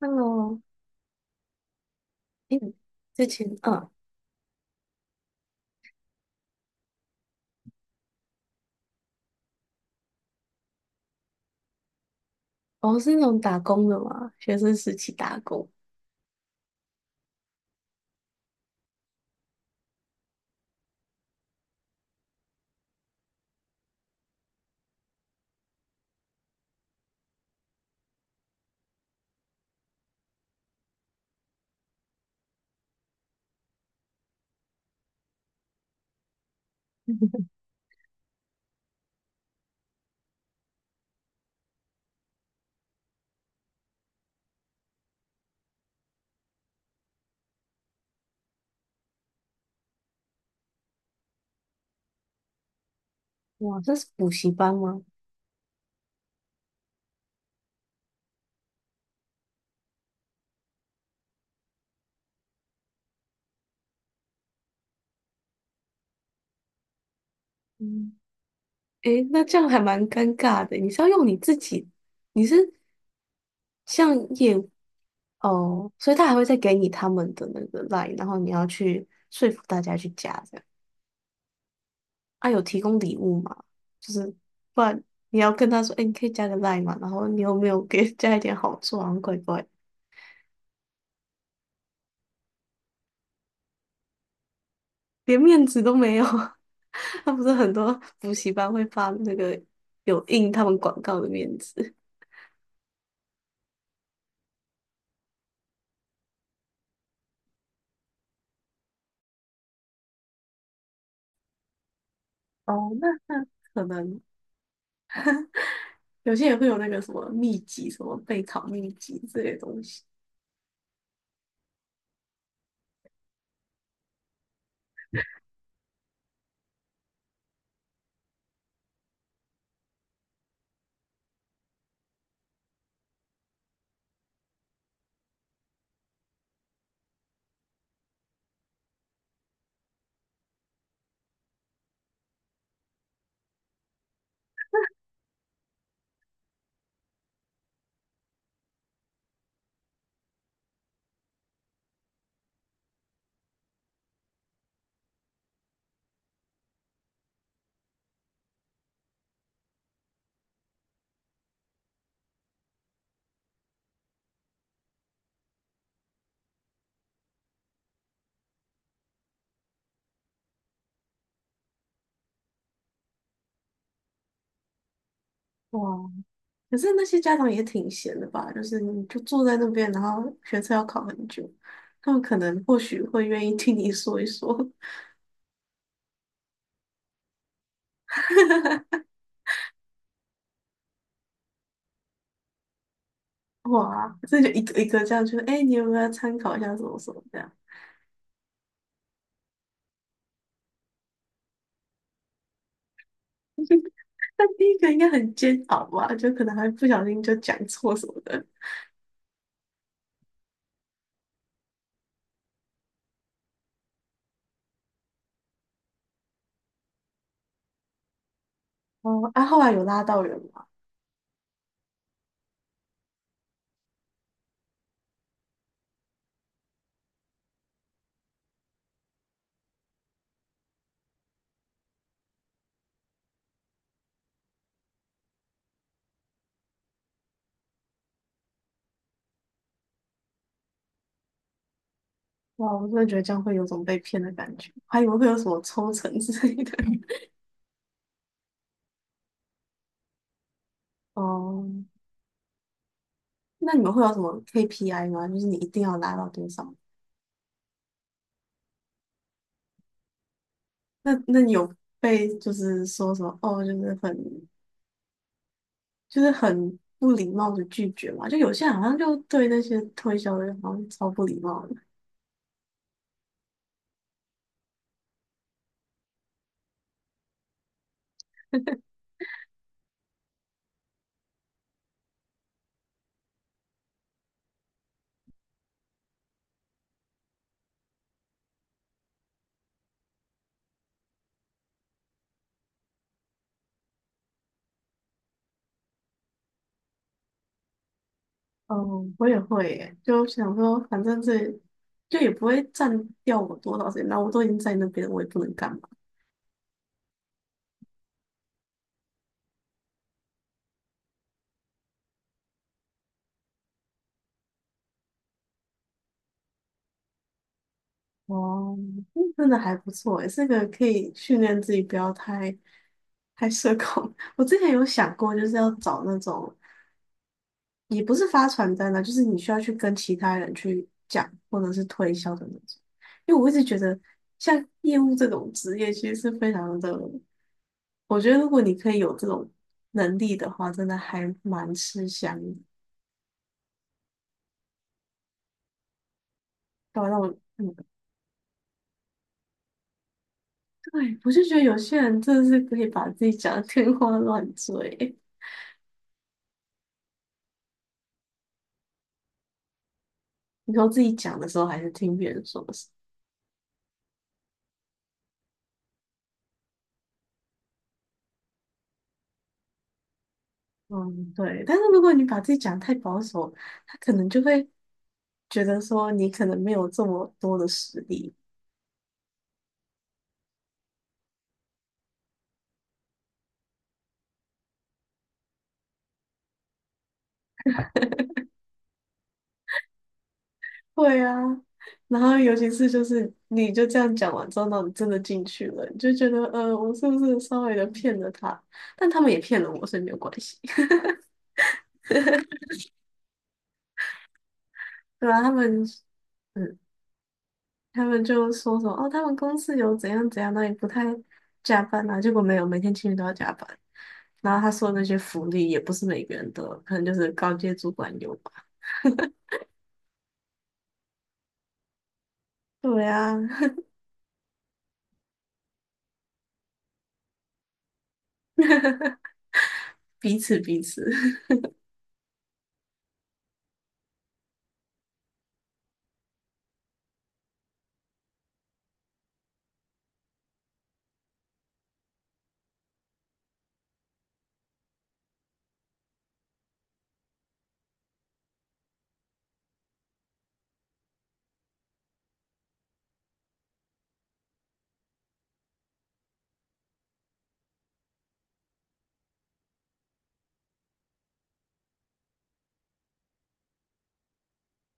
Hello。哎，之前啊。哦，是那种打工的嘛，学生时期打工。哇，这是补习班吗？嗯。哎，那这样还蛮尴尬的。你是要用你自己，你是像业务。哦，所以他还会再给你他们的那个 line,然后你要去说服大家去加这样。啊，有提供礼物吗？就是不然你要跟他说，哎，你可以加个 line 嘛，然后你有没有给 加一点好处，啊？像怪怪连面子都没有。那不是很多补习班会发那个有印他们广告的面子。哦，那可能有些也会有那个什么秘籍、什么备考秘籍之类东西。哇，可是那些家长也挺闲的吧？就是你就坐在那边，然后学测要考很久，他们可能或许会愿意听你说一说。哇，这就一个一个这样，就是哎，诶你有没有要参考一下什么什么这样？那第一个应该很煎熬吧，就可能还不小心就讲错什么的。哦，啊，后来有拉到人吗？哇，我真的觉得这样会有种被骗的感觉，还以为会有什么抽成之类的。哦、那你们会有什么 KPI 吗？就是你一定要拉到多少？那你有被就是说什么哦，就是很不礼貌的拒绝嘛？就有些人好像就对那些推销的人好像超不礼貌的。嗯，我也会耶，就想说，反正这就也不会占掉我多少时间，那我都已经在那边了，我也不能干嘛。哦，嗯真的还不错诶，这个可以训练自己不要太社恐。我之前有想过，就是要找那种也不是发传单啦，就是你需要去跟其他人去讲，或者是推销的那种。因为我一直觉得，像业务这种职业，其实是非常的，我觉得如果你可以有这种能力的话，真的还蛮吃香的。对啊，让我，嗯，对，我就觉得有些人真的是可以把自己讲的天花乱坠。你说自己讲的时候，还是听别人说的时候。嗯，对。但是如果你把自己讲得太保守，他可能就会觉得说你可能没有这么多的实力。对啊，然后尤其是就是你就这样讲完之后，那你真的进去了，你就觉得我是不是稍微的骗了他？但他们也骗了我，所以没有关系。对啊，他们。嗯。他们就说什么哦，他们公司有怎样怎样，那也不太加班啊，结果没有，每天情侣都要加班。然后他说的那些福利也不是每个人都有，可能就是高阶主管有吧。对啊，彼此彼此，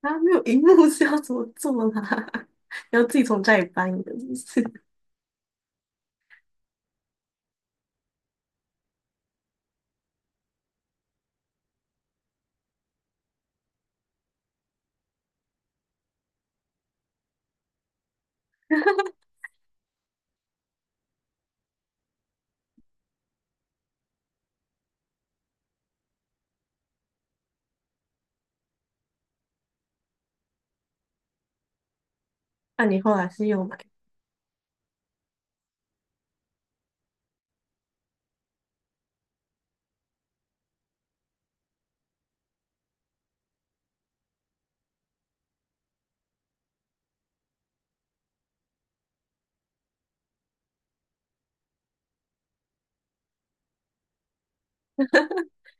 啊，没有荧幕是要怎么做啦？要自己从家里搬一个，是不是 那、你后来是又买？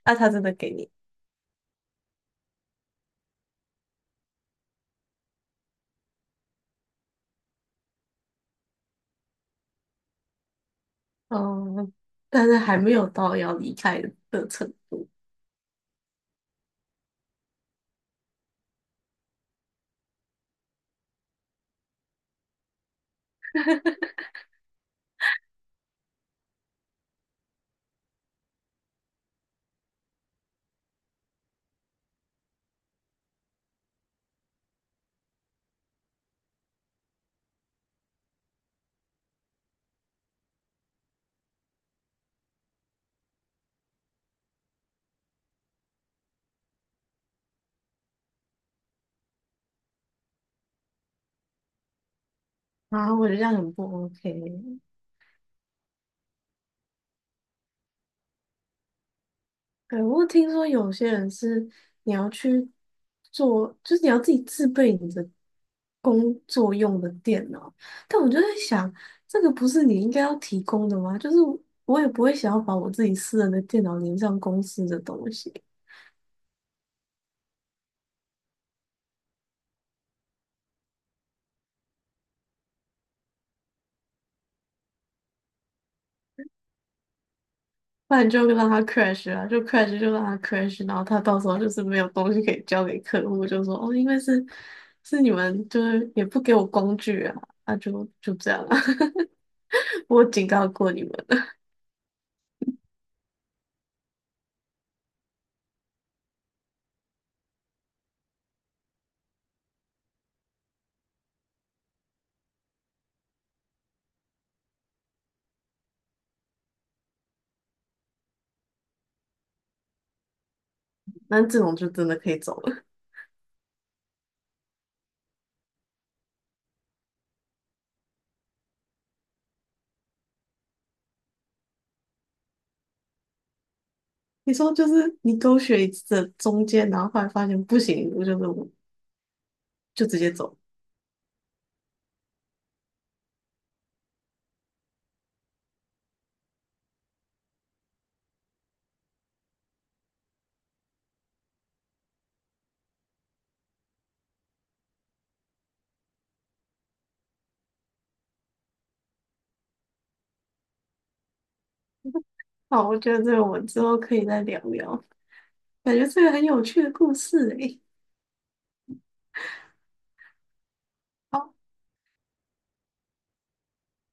那、他真的给你？哦，但是还没有到要离开的程度，然后我觉得这样很不 OK。对，我听说有些人是你要去做，就是你要自己自备你的工作用的电脑，但我就在想，这个不是你应该要提供的吗？就是我也不会想要把我自己私人的电脑连上公司的东西，不然就让它 crash 啊，就 crash 就让它 crash,然后他到时候就是没有东西可以交给客户，就说哦，因为是你们就是也不给我工具啊，那就就这样啊，我警告过你们。那这种就真的可以走了。你说就是你勾选一次的中间，然后后来发现不行，我就直接走。好，我觉得这个我们之后可以再聊聊，感觉这个很有趣的故事诶。好